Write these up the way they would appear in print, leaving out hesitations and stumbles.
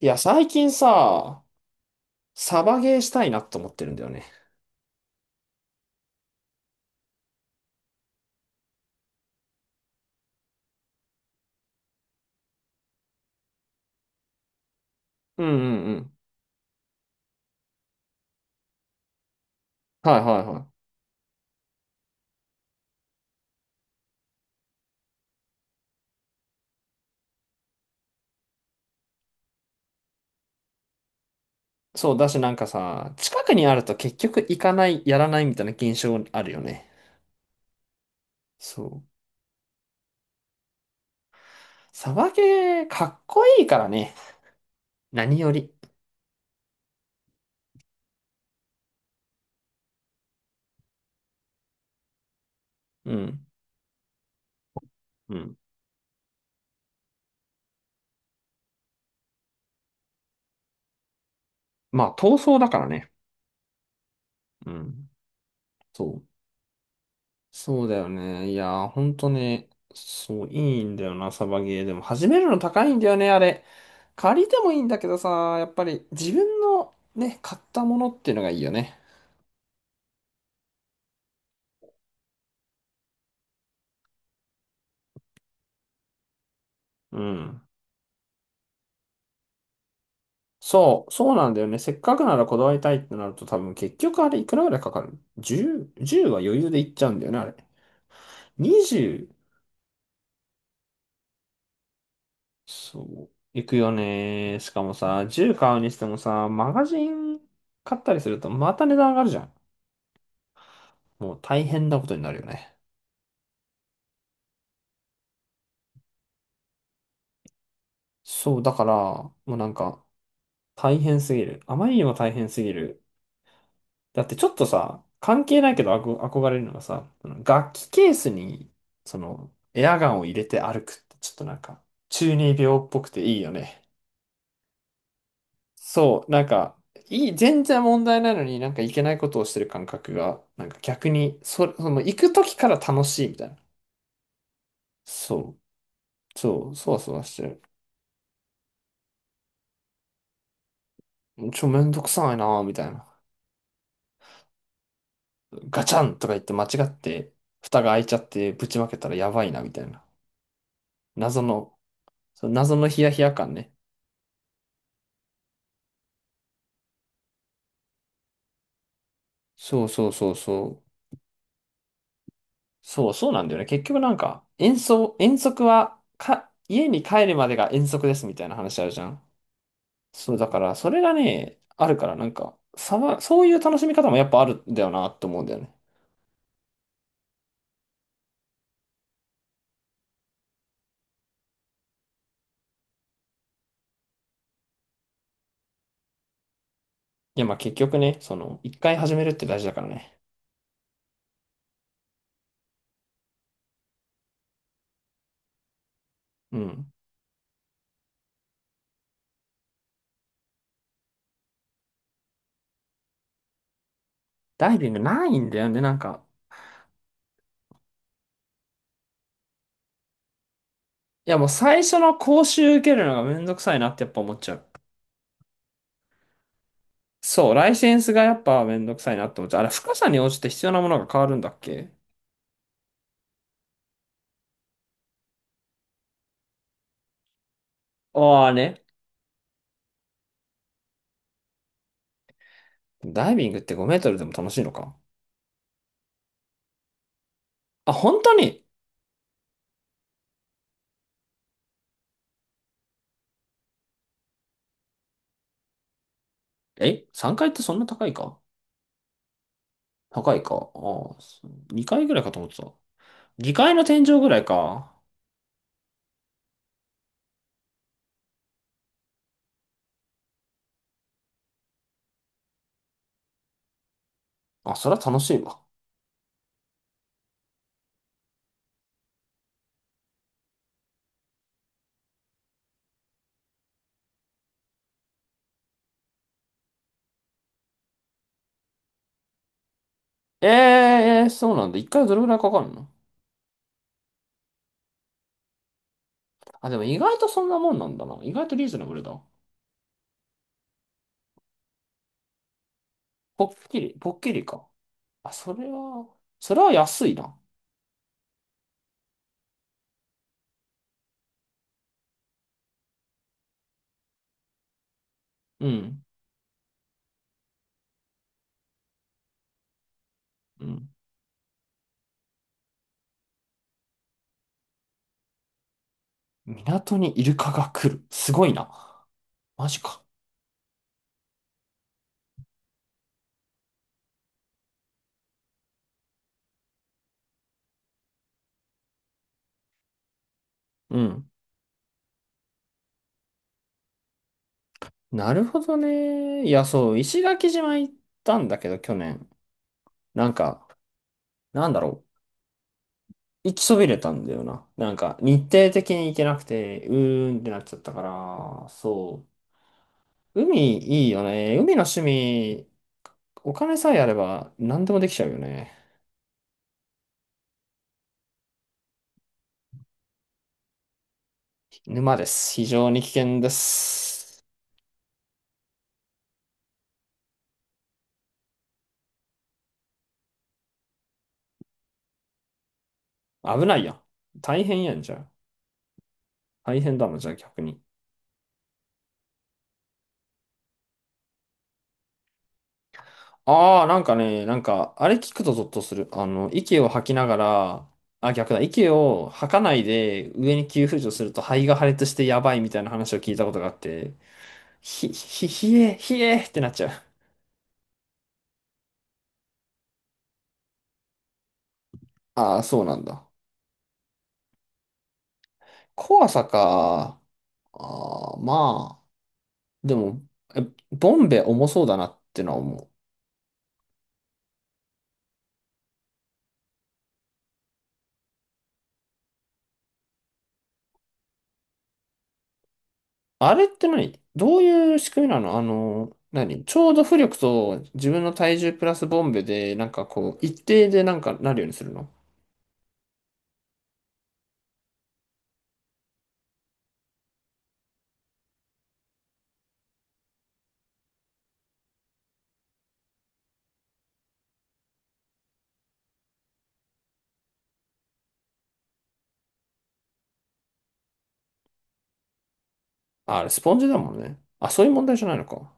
いや、最近さ、サバゲーしたいなと思ってるんだよね。うんうんうん。はいはいはい。そう、だしなんかさ、近くにあると結局行かない、やらないみたいな現象あるよね。そう。サバゲー、かっこいいからね。何より。うん。うん。まあ、闘争だからね。うん。そう。そうだよね。いやー、ほんとね、そう、いいんだよな、サバゲー。でも、始めるの高いんだよね、あれ。借りてもいいんだけどさ、やっぱり自分のね、買ったものっていうのがいいよね。うん。そう、そうなんだよね。せっかくならこだわりたいってなると多分結局あれいくらぐらいかかる？ 10、じゅうは余裕でいっちゃうんだよね、あれ。20、そう、いくよね。しかもさ、10買うにしてもさ、マガジン買ったりするとまた値段上がるじゃん。もう大変なことになるよね。そう、だから、もうなんか、大変すぎる。あまりにも大変すぎる。だってちょっとさ、関係ないけど憧れるのがさ、その楽器ケースに、その、エアガンを入れて歩くって、ちょっとなんか、中二病っぽくていいよね。そう、なんか、いい、全然問題ないのになんかいけないことをしてる感覚が、なんか逆に、その、行く時から楽しいみたいな。そう、そう、そわそわしてる。ちょ、めんどくさいなぁ、みたいな。ガチャンとか言って間違って、蓋が開いちゃってぶちまけたらやばいな、みたいな。謎の、その謎のヒヤヒヤ感ね。そうそうそうそう。そうそうなんだよね。結局なんか、遠足、遠足は、か、家に帰るまでが遠足ですみたいな話あるじゃん。そう、だから、それがね、あるから、なんか、そういう楽しみ方もやっぱあるんだよなって思うんだよね。いや、まあ結局ね、その、一回始めるって大事だからね。うん。ダイビングないんだよね、なんか。いや、もう最初の講習受けるのがめんどくさいなってやっぱ思っちゃう。そう、ライセンスがやっぱめんどくさいなって思っちゃう。あれ、深さに応じて必要なものが変わるんだっけ？ああね。ダイビングって5メートルでも楽しいのか。あ、本当に、3 階ってそんな高いか。ああ、2階ぐらいかと思ってた。2階の天井ぐらいか。あ、そりゃ楽しいわ。ええー、そうなんだ。1回どれぐらいかかるの？あ、でも意外とそんなもんなんだな。意外とリーズナブルだ。ポッキリポッキリか。あ、それは安いな。うん。うん。港にイルカが来る。すごいな。マジか。うん。なるほどね。いや、そう、石垣島行ったんだけど、去年。なんか、なんだろう。行きそびれたんだよな。なんか、日程的に行けなくて、うーんってなっちゃったから、そう。海いいよね。海の趣味、お金さえあれば何でもできちゃうよね。沼です。非常に危険です。危ないやん。大変やんじゃん。大変だもん、じゃあ逆に。ああ、なんかね、なんか、あれ聞くとゾッとする。あの、息を吐きながら、あ、逆だ、息を吐かないで上に急浮上すると肺が破裂してやばいみたいな話を聞いたことがあって、ひえってなっちゃう。ああ、そうなんだ。怖さか。ああ、まあ、でも、えボンベ重そうだなってのは思う。あれってどういう仕組みなの？あの、ちょうど浮力と自分の体重プラスボンベで、なんかこう、一定でなんかなるようにするの？あ、あれ、スポンジだもんね。あ、そういう問題じゃないのか。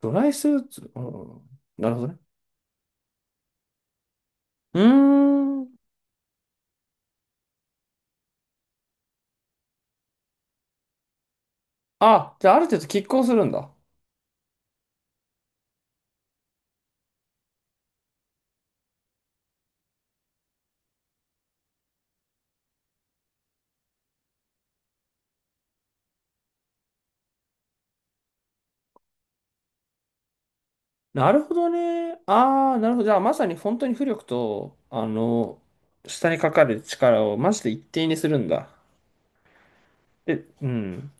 ドライスーツ、うん、なるほどね。うーん。あ、じゃあ、ある程度拮抗するんだ。なるほどね。ああ、なるほど。じゃあ、まさに本当に浮力と、あの、下にかかる力をマジで一定にするんだ。え、うん、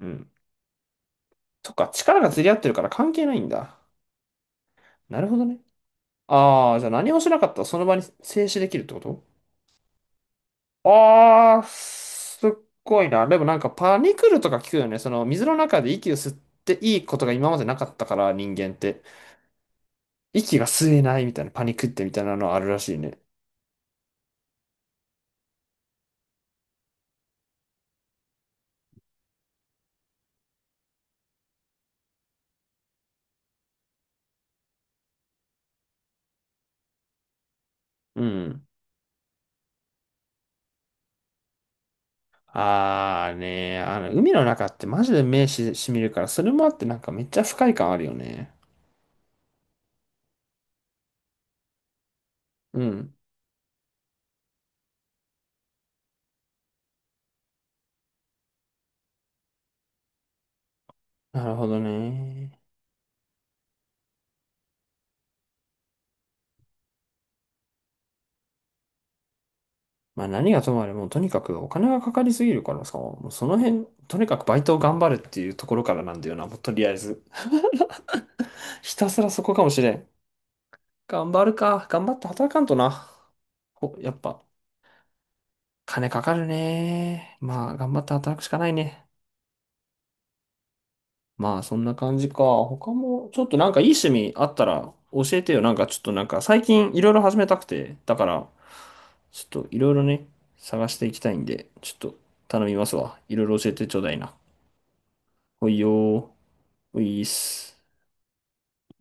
うん。そっか、力が釣り合ってるから関係ないんだ。なるほどね。ああ、じゃあ何もしなかったらその場に静止できるってこと？ああ、すっごいな。でもなんかパニクルとか聞くよね。その水の中で息を吸っていいことが今までなかったから人間って。息が吸えないみたいなパニクってみたいなのあるらしいね。うん。ああね、あの海の中ってマジで目しみるから、それもあってなんかめっちゃ不快感あるよね。うん。なるほどね。まあ何がともあれもうとにかくお金がかかりすぎるからさ、もうその辺、とにかくバイトを頑張るっていうところからなんだよな、もうとりあえず。ひたすらそこかもしれん。頑張るか。頑張って働かんとな。ほやっぱ、金かかるね。まあ、頑張って働くしかないね。まあ、そんな感じか。他も、ちょっとなんかいい趣味あったら教えてよ。なんかちょっとなんか最近いろいろ始めたくて。だから、ちょっといろいろね、探していきたいんで、ちょっと頼みますわ。いろいろ教えてちょうだいな。ほいよー。ほいーっす。